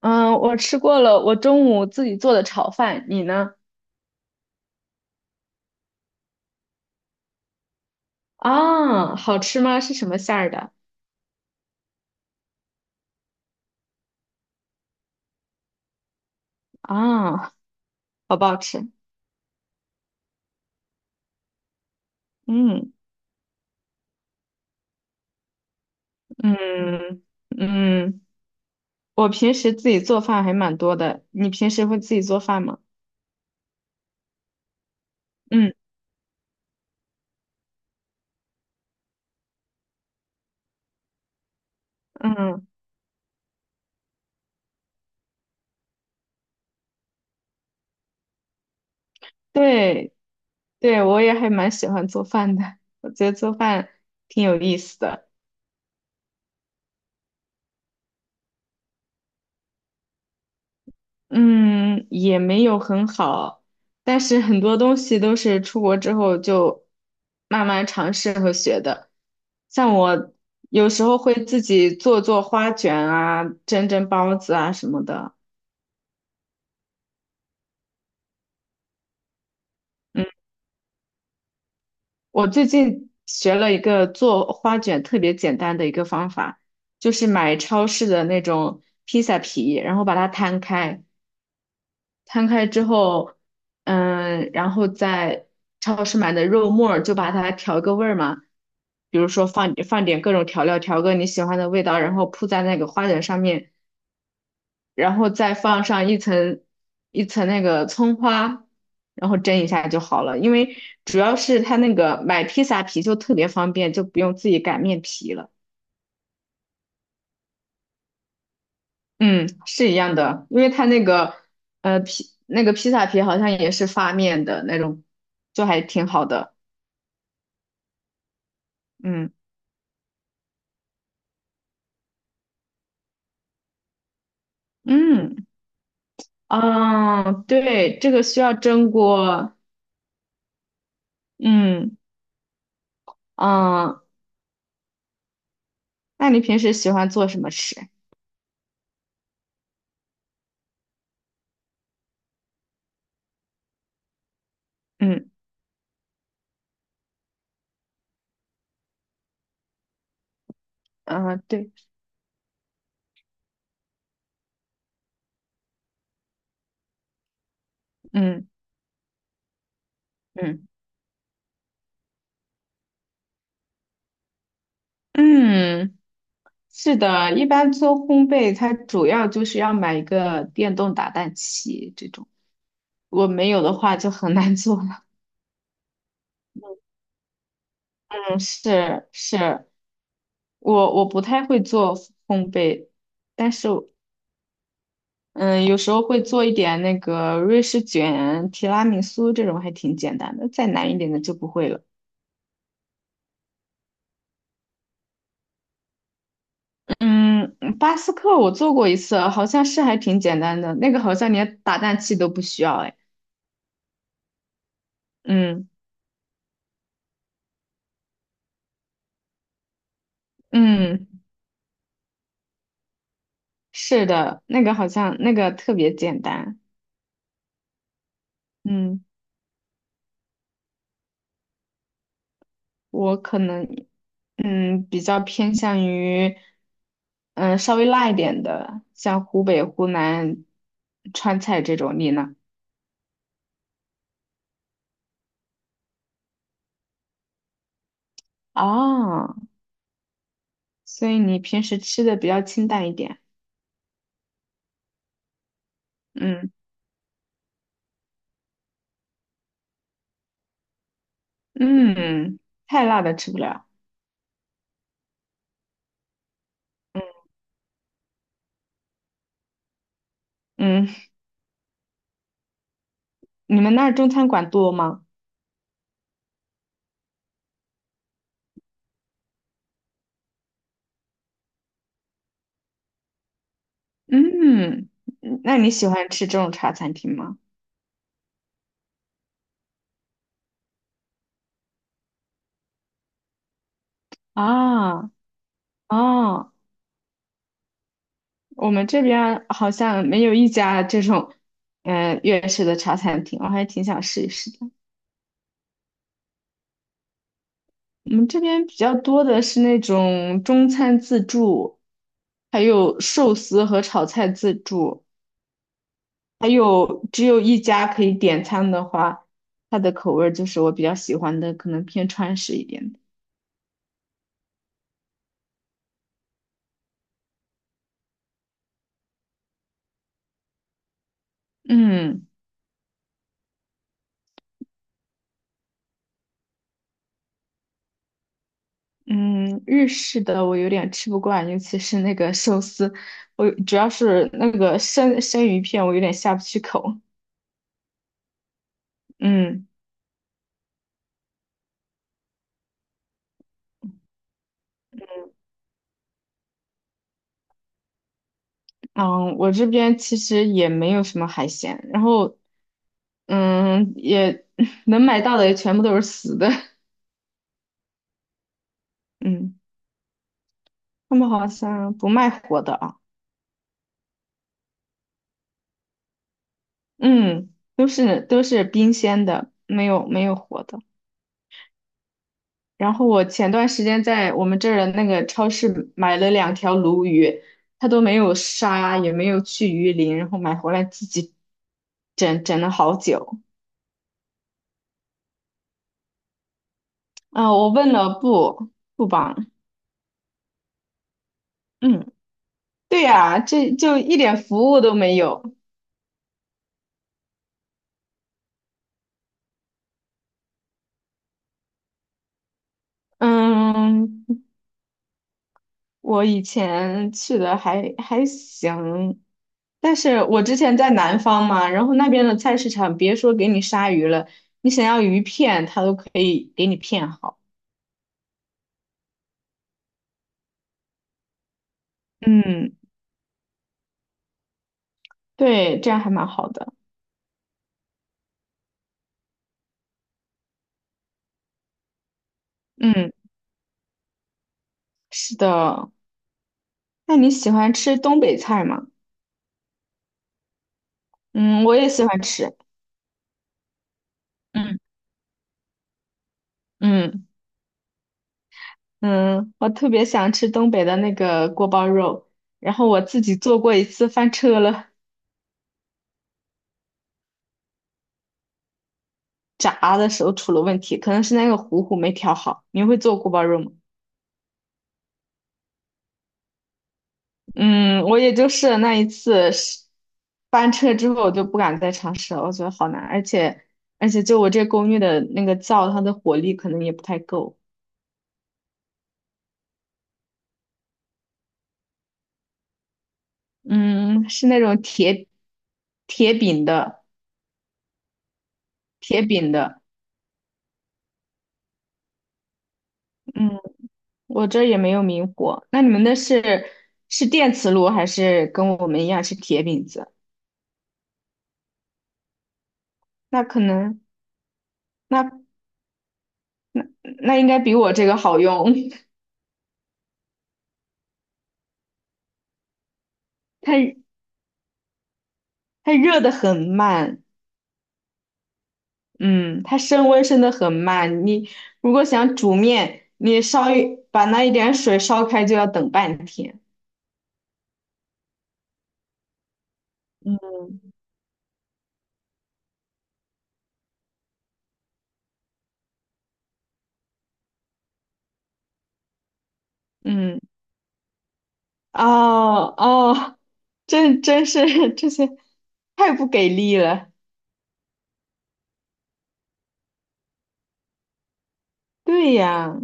嗯，我吃过了，我中午自己做的炒饭，你呢？啊，好吃吗？是什么馅儿的？啊，好不好吃？嗯嗯嗯，我平时自己做饭还蛮多的，你平时会自己做饭吗？嗯嗯，对对，我也还蛮喜欢做饭的，我觉得做饭挺有意思的。嗯，也没有很好，但是很多东西都是出国之后就慢慢尝试和学的。像我有时候会自己做做花卷啊，蒸蒸包子啊什么的。嗯，我最近学了一个做花卷特别简单的一个方法，就是买超市的那种披萨皮，然后把它摊开。摊开之后，嗯，然后在超市买的肉末儿就把它调个味儿嘛，比如说放放点各种调料，调个你喜欢的味道，然后铺在那个花卷上面，然后再放上一层一层那个葱花，然后蒸一下就好了。因为主要是它那个买披萨皮就特别方便，就不用自己擀面皮了。嗯，是一样的，因为它那个那个披萨皮好像也是发面的那种，就还挺好的。嗯嗯啊，对，这个需要蒸锅。嗯啊，那你平时喜欢做什么吃？嗯啊，对，嗯嗯嗯，是的，一般做烘焙，它主要就是要买一个电动打蛋器这种，如果没有的话就很难做了。嗯，是是，我不太会做烘焙，但是嗯，有时候会做一点那个瑞士卷、提拉米苏这种，还挺简单的。再难一点的就不会了。嗯，巴斯克我做过一次，好像是还挺简单的。那个好像连打蛋器都不需要。哎，嗯嗯，是的，那个好像那个特别简单。嗯，我可能比较偏向于嗯稍微辣一点的，像湖北、湖南川菜这种。你呢？哦。所以你平时吃的比较清淡一点。嗯嗯，太辣的吃不了。嗯，你们那儿中餐馆多吗？嗯，那你喜欢吃这种茶餐厅吗？啊啊，我们这边儿好像没有一家这种，粤式的茶餐厅，我还挺想试一试的。我们这边比较多的是那种中餐自助，还有寿司和炒菜自助。还有只有一家可以点餐的话，它的口味儿就是我比较喜欢的，可能偏川式一点的。嗯嗯，日式的我有点吃不惯，尤其是那个寿司，我主要是那个生鱼片，我有点下不去口。嗯嗯，我这边其实也没有什么海鲜，然后也 能买到的也全部都是死的。嗯，他们好像不卖活的啊。嗯，都是冰鲜的，没有活的。然后我前段时间在我们这儿的那个超市买了两条鲈鱼，它都没有杀，也没有去鱼鳞，然后买回来自己整整了好久。啊，我问了不帮，嗯，对呀，这就一点服务都没有。嗯，我以前去的还行，但是我之前在南方嘛，然后那边的菜市场，别说给你杀鱼了，你想要鱼片，它都可以给你片好。嗯，对，这样还蛮好的。嗯，是的。那你喜欢吃东北菜吗？嗯，我也喜欢吃。嗯嗯嗯，我特别想吃东北的那个锅包肉，然后我自己做过一次，翻车了。炸的时候出了问题，可能是那个糊糊没调好。你会做锅包肉吗？嗯，我也就试了那一次，是翻车之后我就不敢再尝试了，我觉得好难，而且就我这公寓的那个灶，它的火力可能也不太够。嗯，是那种铁饼的，铁饼的。嗯，我这儿也没有明火。那你们那是是电磁炉还是跟我们一样是铁饼子？那可能那那应该比我这个好用。它它热的很慢，嗯，它升温升的很慢。你如果想煮面，你烧一把那一点水烧开就要等半天。嗯，嗯，哦哦，真是 这些太不给力了。对呀，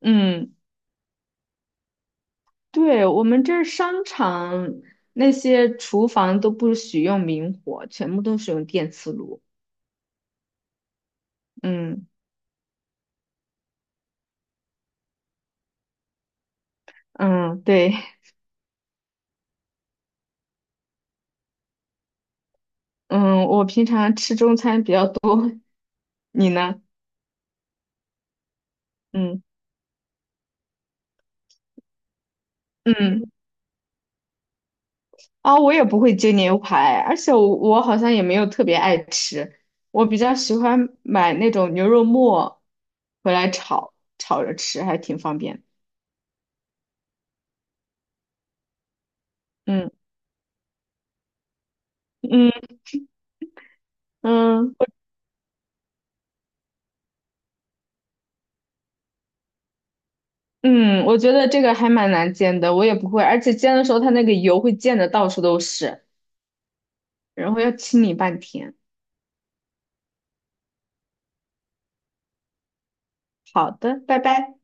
嗯，对，我们这儿商场那些厨房都不许用明火，全部都是用电磁炉。嗯嗯，对，嗯，我平常吃中餐比较多，你呢？嗯嗯，啊、我也不会煎牛排，而且我好像也没有特别爱吃，我比较喜欢买那种牛肉末回来炒，炒着吃还挺方便。嗯嗯嗯我觉得这个还蛮难煎的，我也不会，而且煎的时候它那个油会溅的到处都是，然后要清理半天。好的，拜拜。